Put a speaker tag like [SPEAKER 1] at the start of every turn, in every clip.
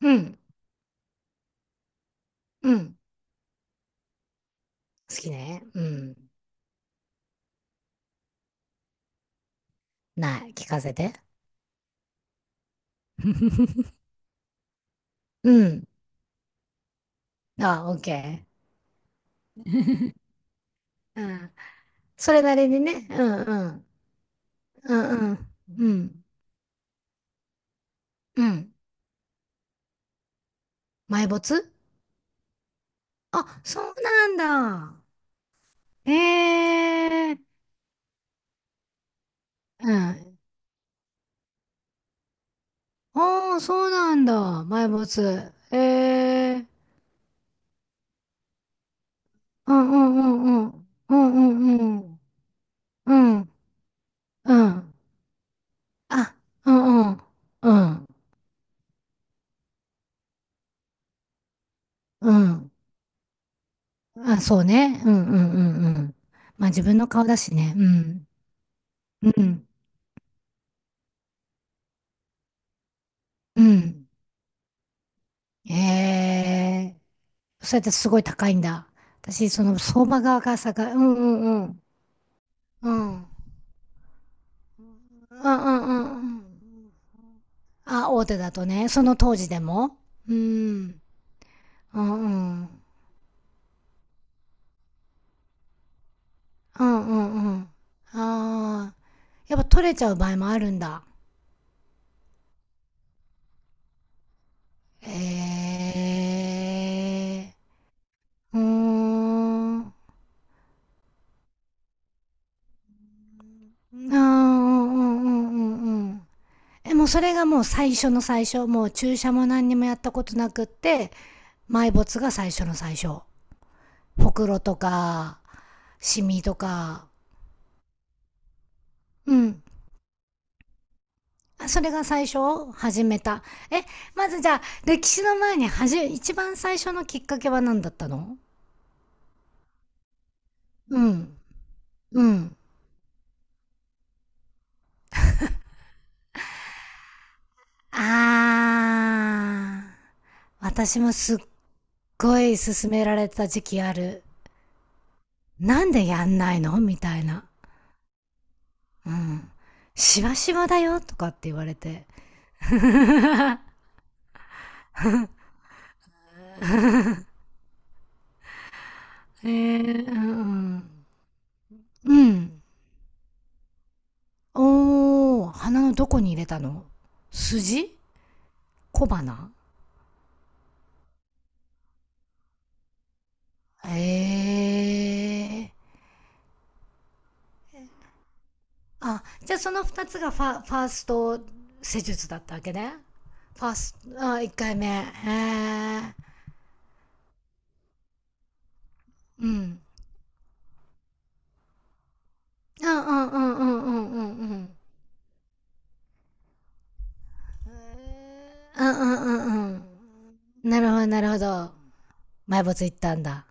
[SPEAKER 1] うん、うん。好きね。うん。ない。聞かせて。うん。あ、オッケー。うん。それなりにね。うんうん。うんうん。うん。うん。埋没。あ、そうなんだ。ええ。うん。ああ、そうなんだ。埋没。ええ。うんうんうんうん。うんうんうん。うん。うん。あ、うんうん。うん。うん。あ、そうね。うんうんうんうん。まあ自分の顔だしね。うん。うん。うん。ええー、それってすごい高いんだ。私、その相場側がさが、うんうんうん。うん。うんうんうんうん。あ、大手だとね。その当時でも。うん。うんうん。うんうんうん。ああ。やっぱ取れちゃう場合もあるんだ。ええー、うーん。ああ、うんうんうんうんうん。もうそれがもう最初の最初、もう注射も何にもやったことなくって、埋没が最初の最初。ほくろとかシミとか。うん、それが最初、始めた。えまず、じゃあ歴史の前に、一番最初のきっかけは何だったの？うんうん。あー、私もすっごい勧められた時期ある。なんでやんないの、みたいな。うん、しわしわだよとかって言われて。へえ。うんうん。うん。おー、鼻のどこに入れたの？筋、小鼻。ええー。あ、じゃあその二つがファ、ファースト施術だったわけね。ファースト、あ、一回目。へえ。うん。うんうんうんうんうんうんうん。うんうんうんうん。なるほどなるほど。埋没行ったんだ。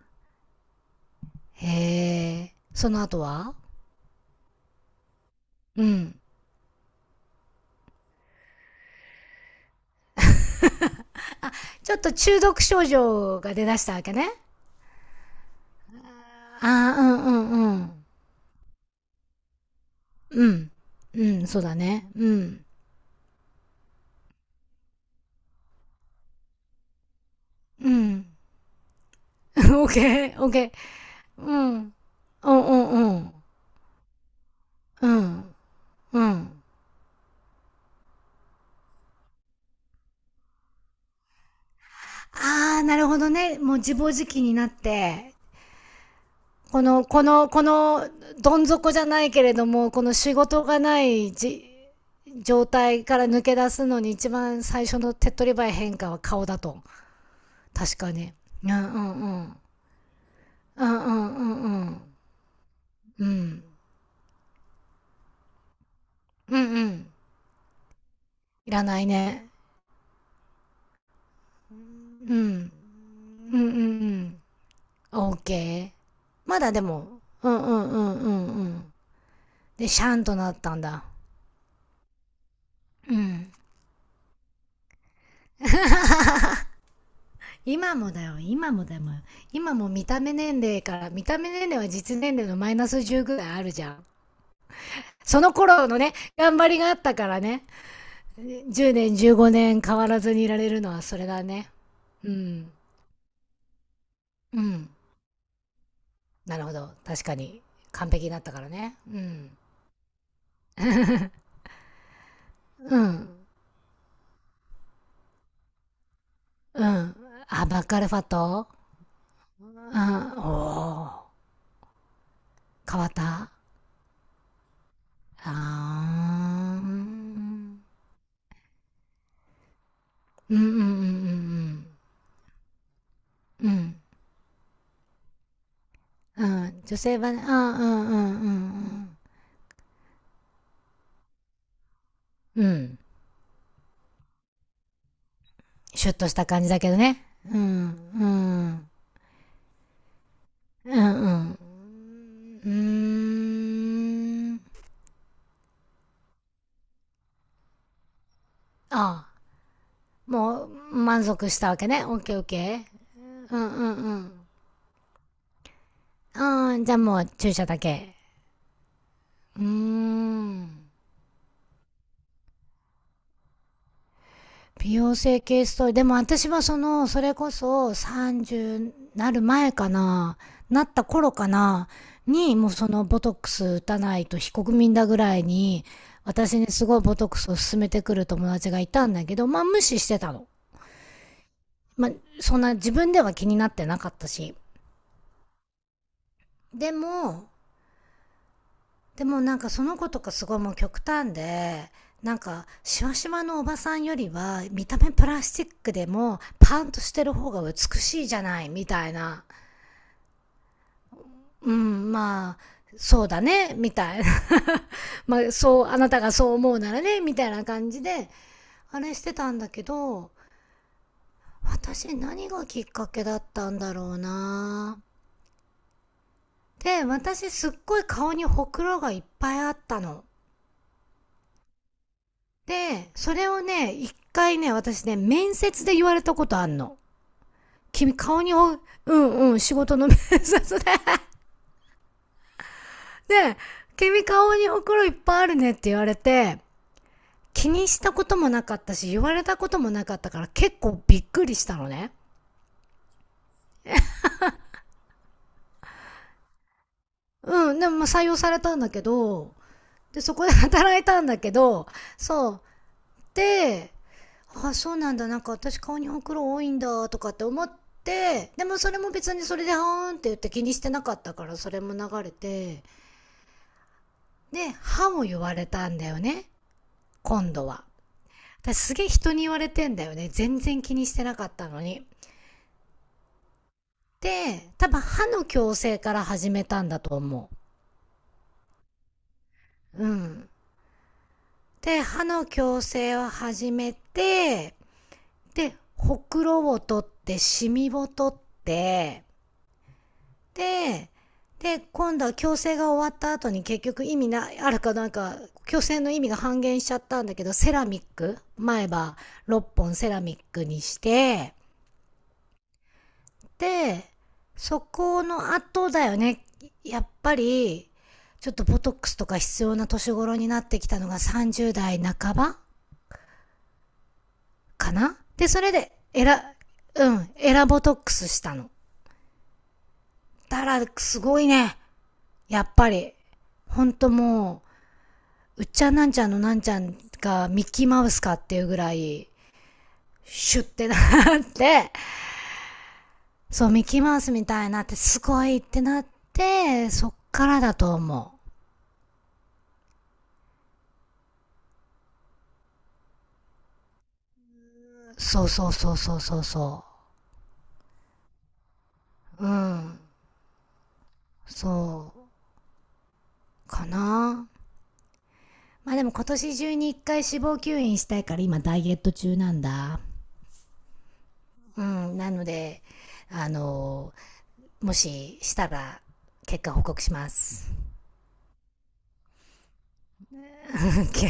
[SPEAKER 1] へえ。その後は？うん。ちょっと中毒症状が出だしたわけね。ああ、うんうんうん。うん。うん、そうだね。うん。うん。オッケー、オッケー。うん。うんうんうん。うん。うん。ああ、なるほどね。もう自暴自棄になって、この、この、この、どん底じゃないけれども、この仕事がないじ、状態から抜け出すのに一番最初の手っ取り早い変化は顔だと。確かに。うんうんうん。うんうんうんうん。うん。うんうん。いらないね。うん。うんうんうん。オーケー。まだでも、うんうんうんうんうん。で、シャンとなったんだ。うん。今もだよ、今もだよ。今も見た目年齢から、見た目年齢は実年齢のマイナス10ぐらいあるじゃん。その頃のね、頑張りがあったからね、10年、15年変わらずにいられるのはそれだね。うん。うん。なるほど。確かに。完璧だったからね。うん。うん。うん。アバカルファト。あー、おー、変わった。ああ。うんうんうんうんうん。うん。うん。女性はね、あー、うんうんうんうん。うん。シュッとした感じだけどね。うん。うん。うんうん。うーん。あー、もう、満足したわけね。オッケーオッケー。うんうんうん。ああ、じゃあもう注射だけ。うーん。美容整形ストーリー。でも私はその、それこそ30なる前かな、なった頃かな、に、もうそのボトックス打たないと非国民だぐらいに、私にすごいボトックスを勧めてくる友達がいたんだけど、まあ無視してたの。まあ、そんな自分では気になってなかったし。でも、でもなんかその子とかすごいもう極端で、なんか、シワシワのおばさんよりは、見た目プラスチックでも、パンとしてる方が美しいじゃない、みたいな。うん、まあ、そうだね、みたいな。 まあ、そう、あなたがそう思うならね、みたいな感じで、あれしてたんだけど、私何がきっかけだったんだろうな。で、私すっごい顔にほくろがいっぱいあったの。で、それをね、一回ね、私ね、面接で言われたことあんの。君顔にお、うんうん、仕事の面接で。で、君顔におくろいっぱいあるねって言われて、気にしたこともなかったし、言われたこともなかったから結構びっくりしたのね。うん、でもまあ採用されたんだけど、で、そこで働いたんだけど、そう。で、あ、そうなんだ、なんか私顔にほくろ多いんだとかって思って、でもそれも別にそれで、はーんって言って気にしてなかったから、それも流れて、で歯も言われたんだよね、今度は。私すげえ人に言われてんだよね、全然気にしてなかったのに。で多分歯の矯正から始めたんだと思う。うん、で歯の矯正を始めて、でほくろを取ってシミを取って、で、で、今度は矯正が終わった後に結局意味な、あるかなんか、矯正の意味が半減しちゃったんだけど、セラミック、前歯6本セラミックにして、で、そこの後だよね。やっぱり、ちょっとボトックスとか必要な年頃になってきたのが30代半ばかな、で、それで、エラ、うん、エラボトックスしたの。だから、すごいね。やっぱり。ほんともう、うっちゃんなんちゃんのなんちゃんがミッキーマウスかっていうぐらい、シュッてなって、そう、ミッキーマウスみたいになって、すごいってなって、そっからだと思う。そうそうそうそうそうそう。うん。そう。かな。まあでも今年中に一回脂肪吸引したいから今ダイエット中なんだ。うん。なので、あのもししたら結果報告します。オッケー。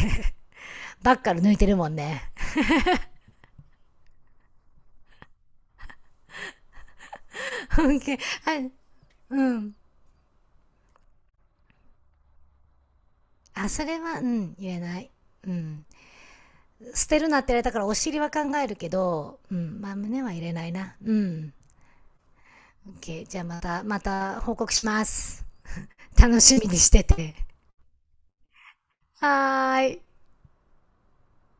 [SPEAKER 1] ばっかり抜いてるもんね。オッケー。はい。うん。あ、それは、うん、言えない。うん。捨てるなって言われたからお尻は考えるけど、うん、まあ胸は入れないな。うん。OK。じゃあまた、また報告します。楽しみにしてて。はーい。